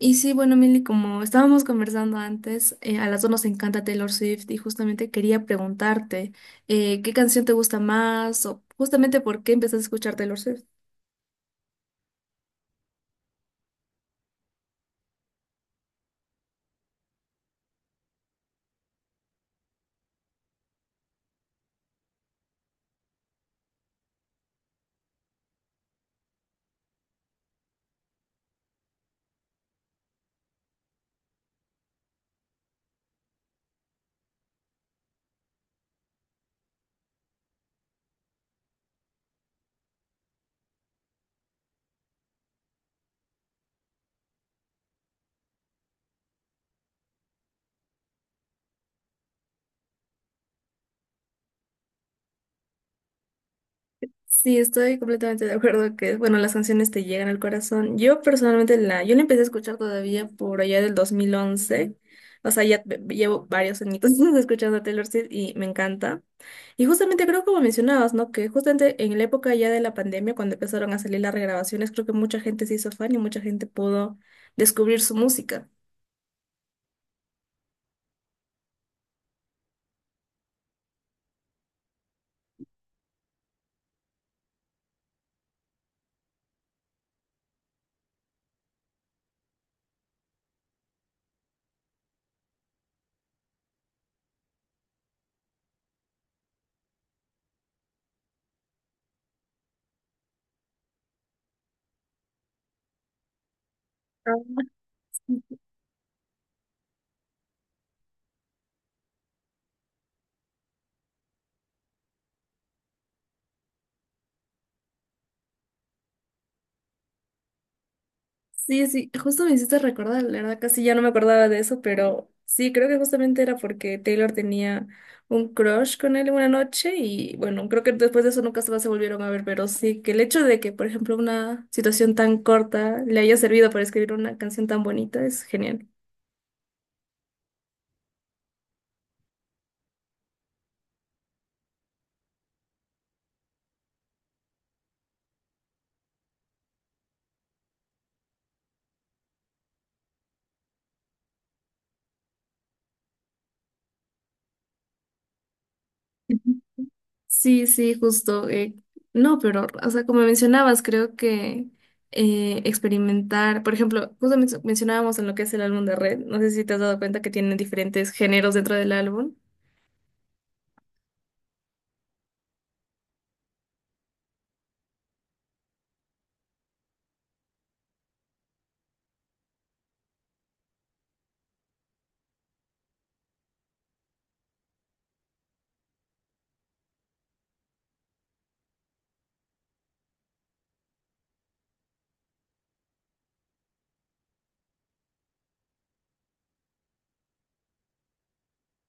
Y sí, bueno, Milly, como estábamos conversando antes, a las dos nos encanta Taylor Swift y justamente quería preguntarte, ¿qué canción te gusta más o justamente por qué empezaste a escuchar Taylor Swift? Sí, estoy completamente de acuerdo que, bueno, las canciones te llegan al corazón. Yo personalmente yo la empecé a escuchar todavía por allá del dos mil once. O sea, llevo varios añitos escuchando a Taylor Swift y me encanta. Y justamente creo como mencionabas, ¿no? Que justamente en la época ya de la pandemia, cuando empezaron a salir las regrabaciones, creo que mucha gente se hizo fan y mucha gente pudo descubrir su música. Ah. Sí, sí, justo me hiciste recordar, la verdad casi ya no me acordaba de eso, pero sí, creo que justamente era porque Taylor tenía un crush con él una noche y bueno, creo que después de eso nunca más se volvieron a ver, pero sí, que el hecho de que, por ejemplo, una situación tan corta le haya servido para escribir una canción tan bonita es genial. Sí, sí, justo. No, pero, o sea, como mencionabas, creo que experimentar, por ejemplo, justo mencionábamos en lo que es el álbum de Red, no sé si te has dado cuenta que tienen diferentes géneros dentro del álbum.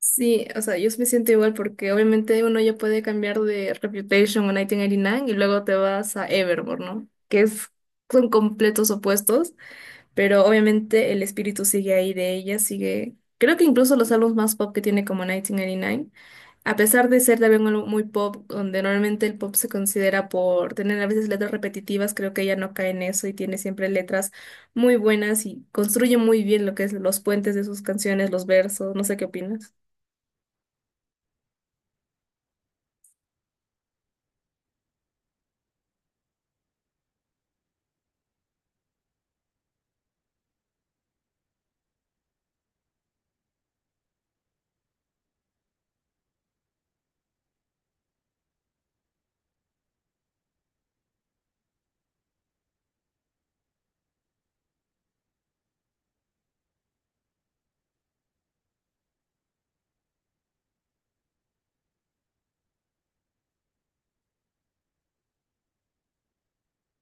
Sí, o sea, yo me siento igual porque obviamente uno ya puede cambiar de Reputation o 1989 y nueve y luego te vas a Evermore, ¿no? Que es, son completos opuestos, pero obviamente el espíritu sigue ahí de ella, sigue, creo que incluso los álbumes más pop que tiene, como 1989. A pesar de ser también algo muy pop, donde normalmente el pop se considera por tener a veces letras repetitivas, creo que ella no cae en eso y tiene siempre letras muy buenas y construye muy bien lo que es los puentes de sus canciones, los versos, no sé qué opinas.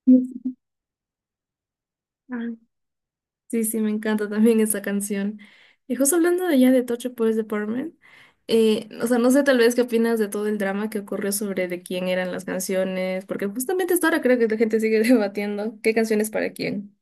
Sí. Ah, sí, sí, me encanta también esa canción. Y justo hablando de ya de Tocho Police Department, o sea, no sé, tal vez qué opinas de todo el drama que ocurrió sobre de quién eran las canciones, porque justamente hasta ahora creo que la gente sigue debatiendo qué canciones para quién.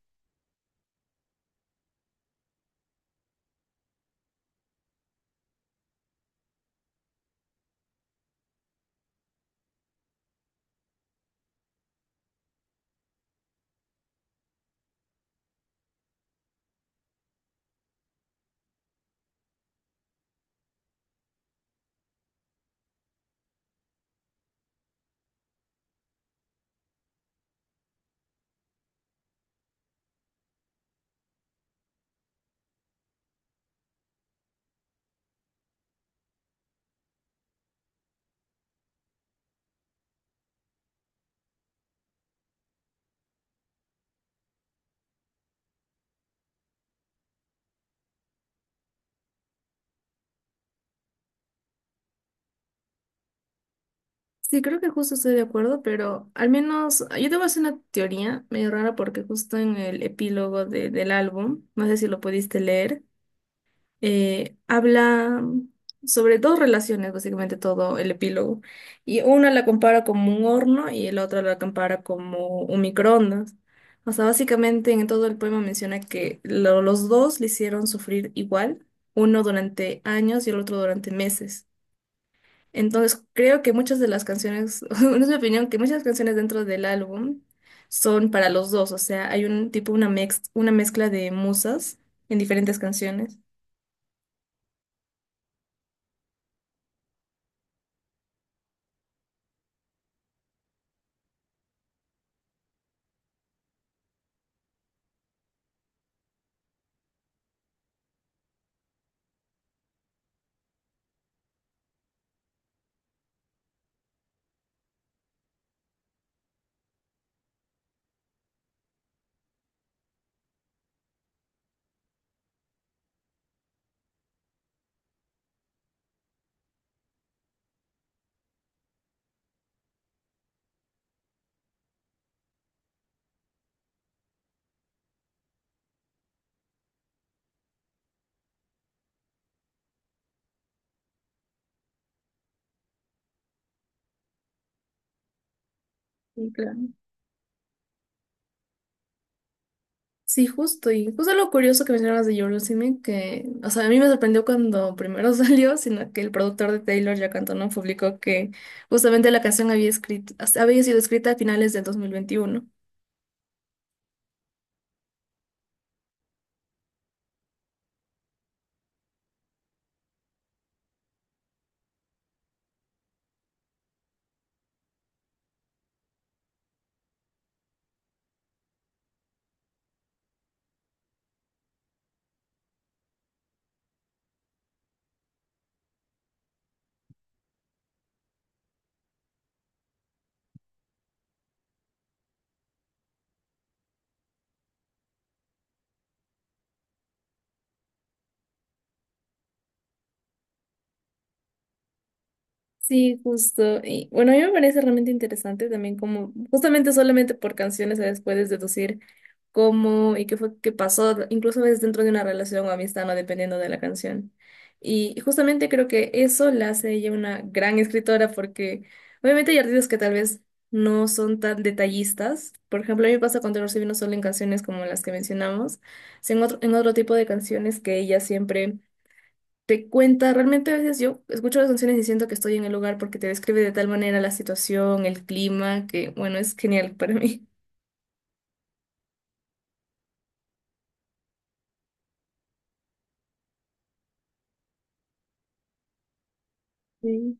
Sí, creo que justo estoy de acuerdo, pero al menos yo te voy a hacer una teoría medio rara, porque justo en el epílogo del álbum, no sé si lo pudiste leer, habla sobre dos relaciones, básicamente todo el epílogo. Y una la compara como un horno y el otro la compara como un microondas. O sea, básicamente en todo el poema menciona que los dos le hicieron sufrir igual, uno durante años y el otro durante meses. Entonces, creo que muchas de las canciones, es mi opinión, que muchas canciones dentro del álbum son para los dos. O sea, hay un tipo, una una mezcla de musas en diferentes canciones. Sí, claro. Sí, justo, y justo lo curioso que mencionabas de Eurythmics, que, o sea, a mí me sorprendió cuando primero salió, sino que el productor de Taylor, Jack Antonoff, publicó que justamente la canción había escrito, había sido escrita a finales del 2021. Sí, justo. Y bueno, a mí me parece realmente interesante también como, justamente solamente por canciones, ¿sabes? Puedes deducir cómo y qué fue que pasó, incluso a veces dentro de una relación o amistad, no dependiendo de la canción. Y justamente creo que eso la hace ella una gran escritora, porque obviamente hay artistas que tal vez no son tan detallistas. Por ejemplo, a mí me pasa con Taylor Swift, no solo en canciones como las que mencionamos, sino en otro tipo de canciones que ella siempre te cuenta. Realmente a veces yo escucho las canciones y siento que estoy en el lugar, porque te describe de tal manera la situación, el clima, que bueno, es genial para mí. Sí.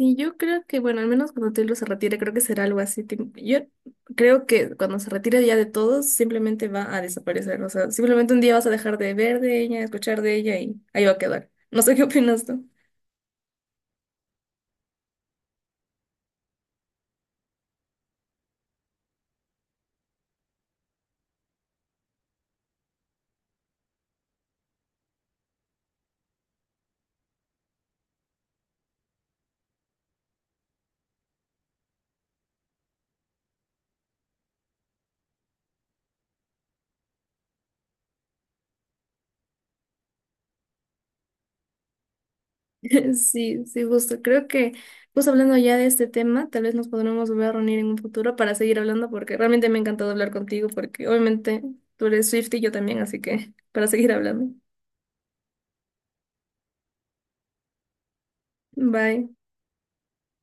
Y yo creo que, bueno, al menos cuando Taylor se retire, creo que será algo así. Yo creo que cuando se retire ya de todos, simplemente va a desaparecer. O sea, simplemente un día vas a dejar de ver de ella, escuchar de ella y ahí va a quedar. No sé qué opinas tú. Sí, sí, justo. Creo que, pues hablando ya de este tema, tal vez nos podremos volver a reunir en un futuro para seguir hablando, porque realmente me ha encantado hablar contigo, porque obviamente tú eres Swiftie y yo también, así que para seguir hablando. Bye.